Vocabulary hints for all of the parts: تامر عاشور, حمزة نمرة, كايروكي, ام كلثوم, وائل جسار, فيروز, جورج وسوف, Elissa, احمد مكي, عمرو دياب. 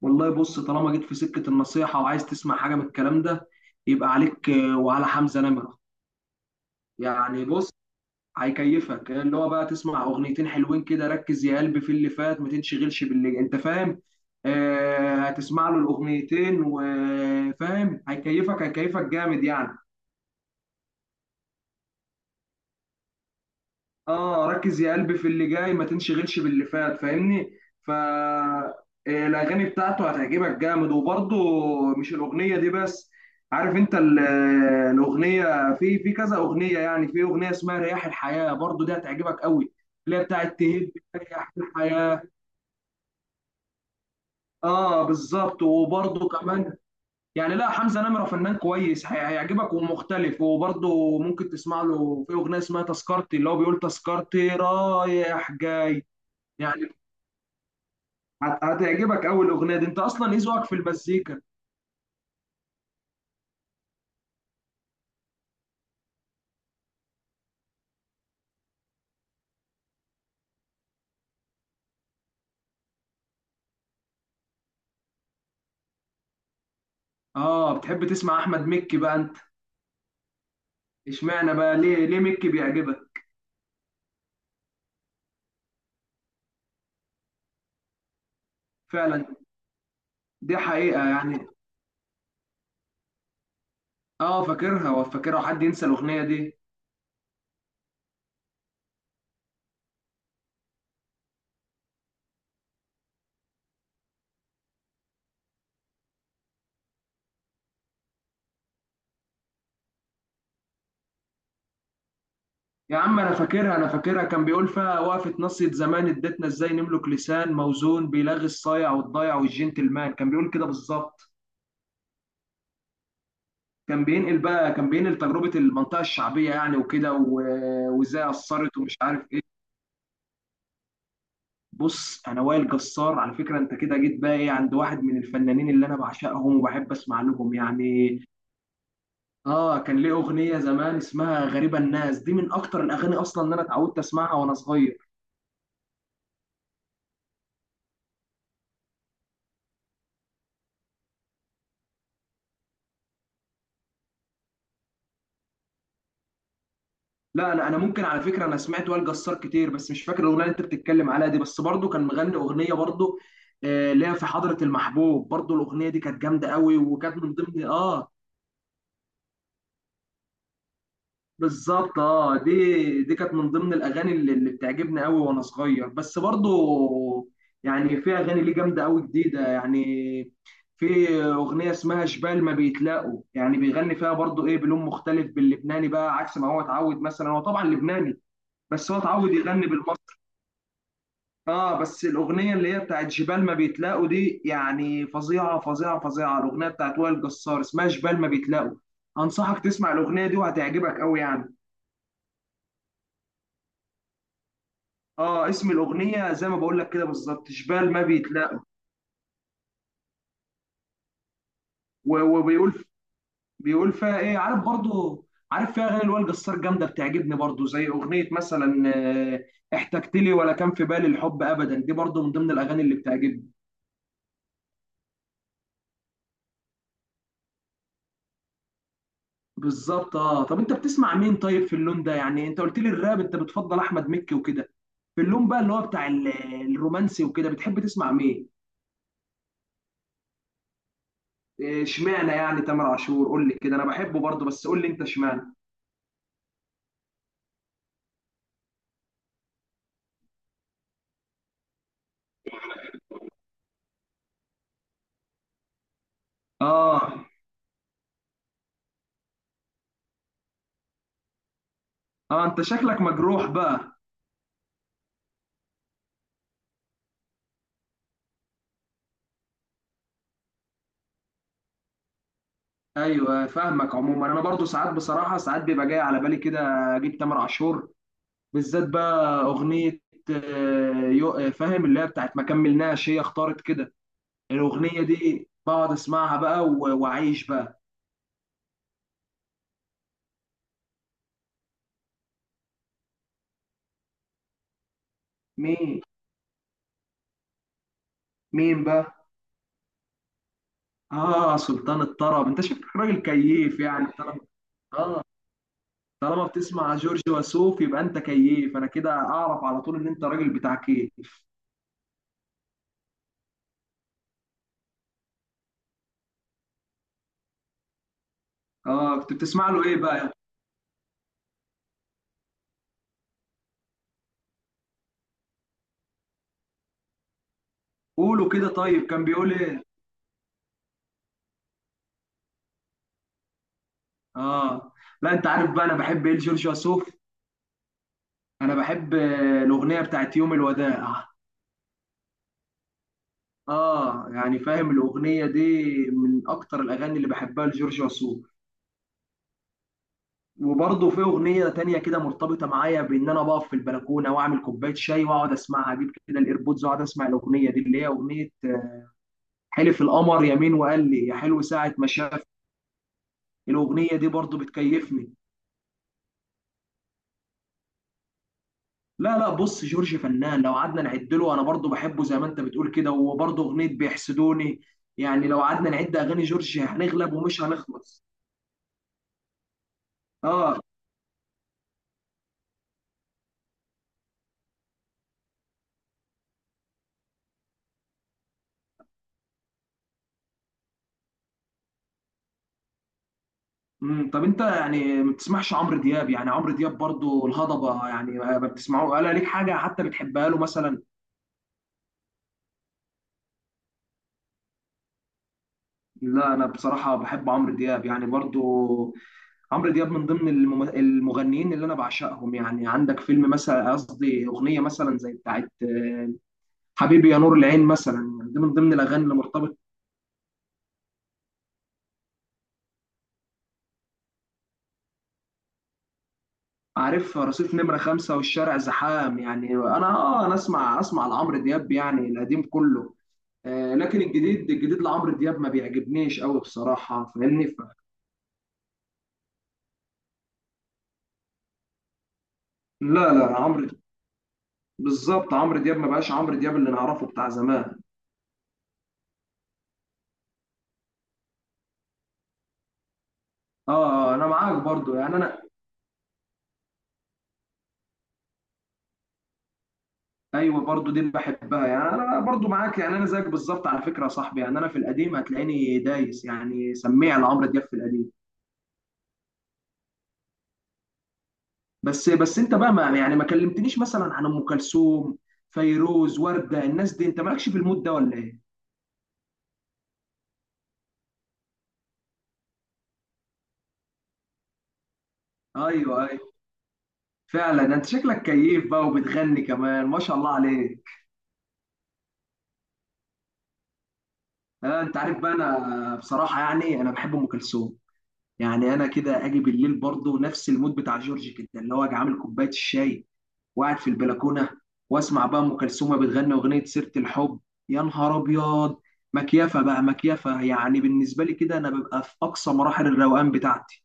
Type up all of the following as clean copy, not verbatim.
والله بص، طالما جيت في سكة النصيحة وعايز تسمع حاجة من الكلام ده يبقى عليك وعلى حمزة نمرة. يعني بص، هيكيفك اللي هو بقى تسمع أغنيتين حلوين كده. ركز يا قلبي في اللي فات ما تنشغلش باللي أنت فاهم. آه، هتسمع له الأغنيتين وفاهم، هيكيفك هيكيفك جامد يعني. اه، ركز يا قلبي في اللي جاي ما تنشغلش باللي فات. فاهمني. الاغاني بتاعته هتعجبك جامد وبرضه. مش الاغنيه دي بس. عارف انت الاغنيه في كذا اغنيه، يعني في اغنيه اسمها رياح الحياه، برضه دي هتعجبك قوي. اللي هي بتاعت تهب رياح الحياه. اه بالظبط، وبرضه كمان يعني. لا، حمزه نمره فنان كويس، هيعجبك ومختلف. وبرضه ممكن تسمع له في اغنيه اسمها تذكرتي، اللي هو بيقول تذكرتي رايح جاي يعني. هتعجبك اول اغنيه دي. انت اصلا ايه ذوقك في المزيكا؟ اه، بتحب تسمع احمد مكي بقى انت. اشمعنى بقى؟ ليه مكي بيعجبك؟ فعلا، دي حقيقه يعني. اه فاكرها، وفاكرها، حد ينسى الاغنيه دي؟ يا عم انا فاكرها، انا فاكرها. كان بيقول فيها: وقفه نصية زمان ادتنا ازاي نملك لسان موزون بيلغي الصايع والضايع والجنتلمان. كان بيقول كده بالظبط. كان بينقل بقى، كان بينقل تجربه المنطقه الشعبيه يعني، وكده وازاي اثرت ومش عارف ايه. بص انا وائل جسار على فكره، انت كده جيت بقى ايه عند واحد من الفنانين اللي انا بعشقهم وبحب اسمع لهم يعني. اه، كان ليه اغنيه زمان اسمها غريبه الناس، دي من اكتر الاغاني اصلا اللي انا اتعودت اسمعها وانا صغير. لا انا ممكن على فكره، انا سمعت وائل جسار كتير، بس مش فاكر الاغنيه اللي انت بتتكلم عليها دي. بس برضو كان مغني اغنيه برضو، ليها في حضره المحبوب. برضو الاغنيه دي كانت جامده قوي، وكانت من ضمن بالظبط. اه دي كانت من ضمن الاغاني اللي بتعجبني قوي وانا صغير. بس برضو يعني في اغاني ليه جامده قوي جديده يعني، في اغنيه اسمها جبال ما بيتلاقوا. يعني بيغني فيها برضو ايه، بلون مختلف باللبناني بقى عكس ما هو اتعود. مثلا هو طبعا لبناني بس هو اتعود يغني بالمصري. اه، بس الاغنيه اللي هي بتاعت جبال ما بيتلاقوا دي يعني فظيعه فظيعه فظيعه. الاغنيه بتاعت وائل جسار اسمها جبال ما بيتلاقوا. انصحك تسمع الاغنيه دي، وهتعجبك قوي يعني. اه، اسم الاغنيه زي ما بقول لك كده بالظبط، شبال ما بيتلاقى. وبيقول، بيقول فيها ايه، عارف برضو؟ عارف، فيها اغاني الوائل جسار جامده بتعجبني برضو، زي اغنيه مثلا احتجت لي ولا كان في بالي الحب ابدا. دي برضو من ضمن الاغاني اللي بتعجبني. بالظبط. اه، طب انت بتسمع مين طيب في اللون ده؟ يعني انت قلت لي الراب انت بتفضل احمد مكي وكده. في اللون بقى اللي هو بتاع الرومانسي وكده، بتحب تسمع مين؟ اشمعنى يعني تامر عاشور؟ قول لي كده، انا بحبه برضو بس قول لي انت اشمعنى. اه اه، انت شكلك مجروح بقى. ايوه فاهمك. عموما انا برضو ساعات بصراحه، ساعات بيبقى جاي على بالي كده اجيب تامر عاشور. بالذات بقى اغنيه فاهم، اللي هي بتاعت ما كملناش هي اختارت كده. الاغنيه دي بقعد اسمعها بقى واعيش بقى. مين؟ مين بقى؟ اه سلطان الطرب، انت شكلك راجل كيف يعني طالما. اه، طالما بتسمع جورج وسوف يبقى انت كيف. انا كده اعرف على طول ان انت راجل بتاع كيف. اه، كنت بتسمع له ايه بقى؟ قولوا كده طيب، كان بيقول ايه؟ اه، لا انت عارف بقى انا بحب ايه لجورج وسوف؟ انا بحب الاغنيه بتاعت يوم الوداع. اه يعني فاهم الاغنيه دي، من اكتر الاغاني اللي بحبها لجورج وسوف. وبرضه في اغنيه تانية كده مرتبطه معايا بان انا بقف في البلكونه واعمل كوبايه شاي واقعد اسمعها، اجيب كده الايربودز واقعد اسمع الاغنيه دي، اللي هي اغنيه حلف القمر يمين وقال لي يا حلو ساعه ما شاف. الاغنيه دي برضه بتكيفني. لا لا، بص جورج فنان، لو قعدنا نعد له، انا برضو بحبه زي ما انت بتقول كده. وبرضو اغنيه بيحسدوني يعني. لو قعدنا نعد اغاني جورج هنغلب ومش هنخلص. اه امم، طب انت يعني ما بتسمعش عمرو دياب؟ يعني عمرو دياب برضو الهضبه يعني، ما بتسمعوه ولا ليك حاجه حتى بتحبها له مثلا؟ لا انا بصراحه بحب عمرو دياب يعني برضو. عمرو دياب من ضمن المغنيين اللي انا بعشقهم يعني. عندك فيلم مثلا، قصدي اغنيه مثلا زي بتاعت حبيبي يا نور العين مثلا، يعني دي من ضمن الاغاني اللي مرتبط. عارف رصيف نمره خمسة والشارع زحام؟ يعني انا اه، انا اسمع لعمرو دياب، يعني القديم كله. آه لكن الجديد، الجديد لعمرو دياب ما بيعجبنيش قوي بصراحه. فاهمني. لا لا، عمرو بالظبط، عمرو دياب ما بقاش عمرو دياب اللي نعرفه بتاع زمان. اه انا معاك برضو يعني انا. ايوه برضو دي بحبها يعني، انا برضو معاك يعني انا زيك بالظبط على فكره يا صاحبي. يعني انا في القديم هتلاقيني دايس يعني، سميع لعمرو دياب في القديم. بس انت بقى ما يعني ما كلمتنيش مثلا عن ام كلثوم، فيروز، ورده، الناس دي، انت مالكش في المود ده ولا ايه؟ ايوه ايوه، فعلا انت شكلك كيف بقى وبتغني كمان، ما شاء الله عليك. آه انت عارف بقى انا بصراحه يعني انا بحب ام كلثوم. يعني انا كده اجي بالليل برضه نفس المود بتاع جورج كده، اللي هو اجي عامل كوبايه الشاي وقاعد في البلكونه واسمع بقى ام كلثوم بتغني اغنيه سيره الحب. يا نهار ابيض، مكيفه بقى، مكيفه يعني بالنسبه لي كده. انا ببقى في اقصى مراحل الروقان بتاعتي.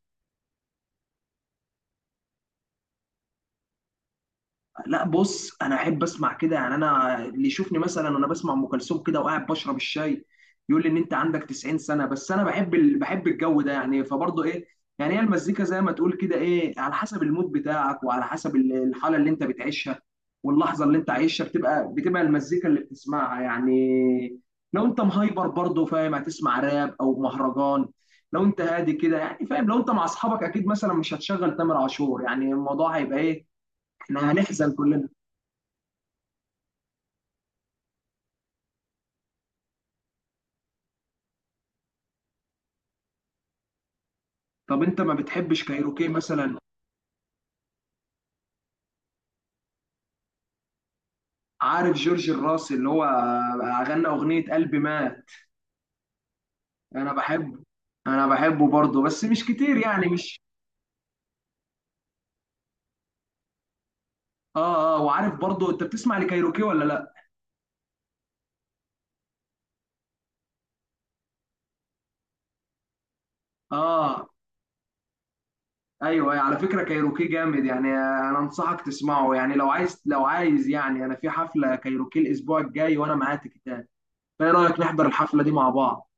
لا بص، انا احب اسمع كده يعني. انا اللي يشوفني مثلا وانا بسمع ام كلثوم كده وقاعد بشرب الشاي يقول لي ان انت عندك 90 سنه، بس انا بحب بحب الجو ده يعني فبرضه ايه. يعني هي المزيكا زي ما تقول كده ايه، على حسب المود بتاعك وعلى حسب الحاله اللي انت بتعيشها واللحظه اللي انت عايشها، بتبقى المزيكا اللي بتسمعها يعني. لو انت مهايبر برضه فاهم هتسمع راب او مهرجان، لو انت هادي كده يعني فاهم. لو انت مع اصحابك اكيد مثلا مش هتشغل تامر عاشور، يعني الموضوع هيبقى ايه. احنا هنحزن كلنا. طب انت ما بتحبش كايروكي مثلا؟ عارف جورج الراس اللي هو غنى اغنية قلبي مات. انا بحبه، انا بحبه برضه، بس مش كتير يعني مش. اه اه، وعارف برضه انت بتسمع لكايروكي ولا لا؟ اه ايوه أيوة، على فكرة كايروكي جامد يعني، انا انصحك تسمعه يعني. لو عايز يعني انا في حفلة كايروكي الاسبوع الجاي وانا معايا تيكيتات، فايه رأيك نحضر الحفلة دي مع بعض؟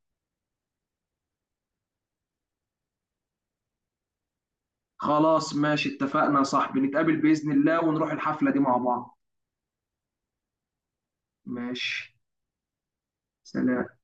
خلاص ماشي، اتفقنا يا صاحبي، نتقابل بإذن الله ونروح الحفلة دي مع بعض. ماشي. سلام.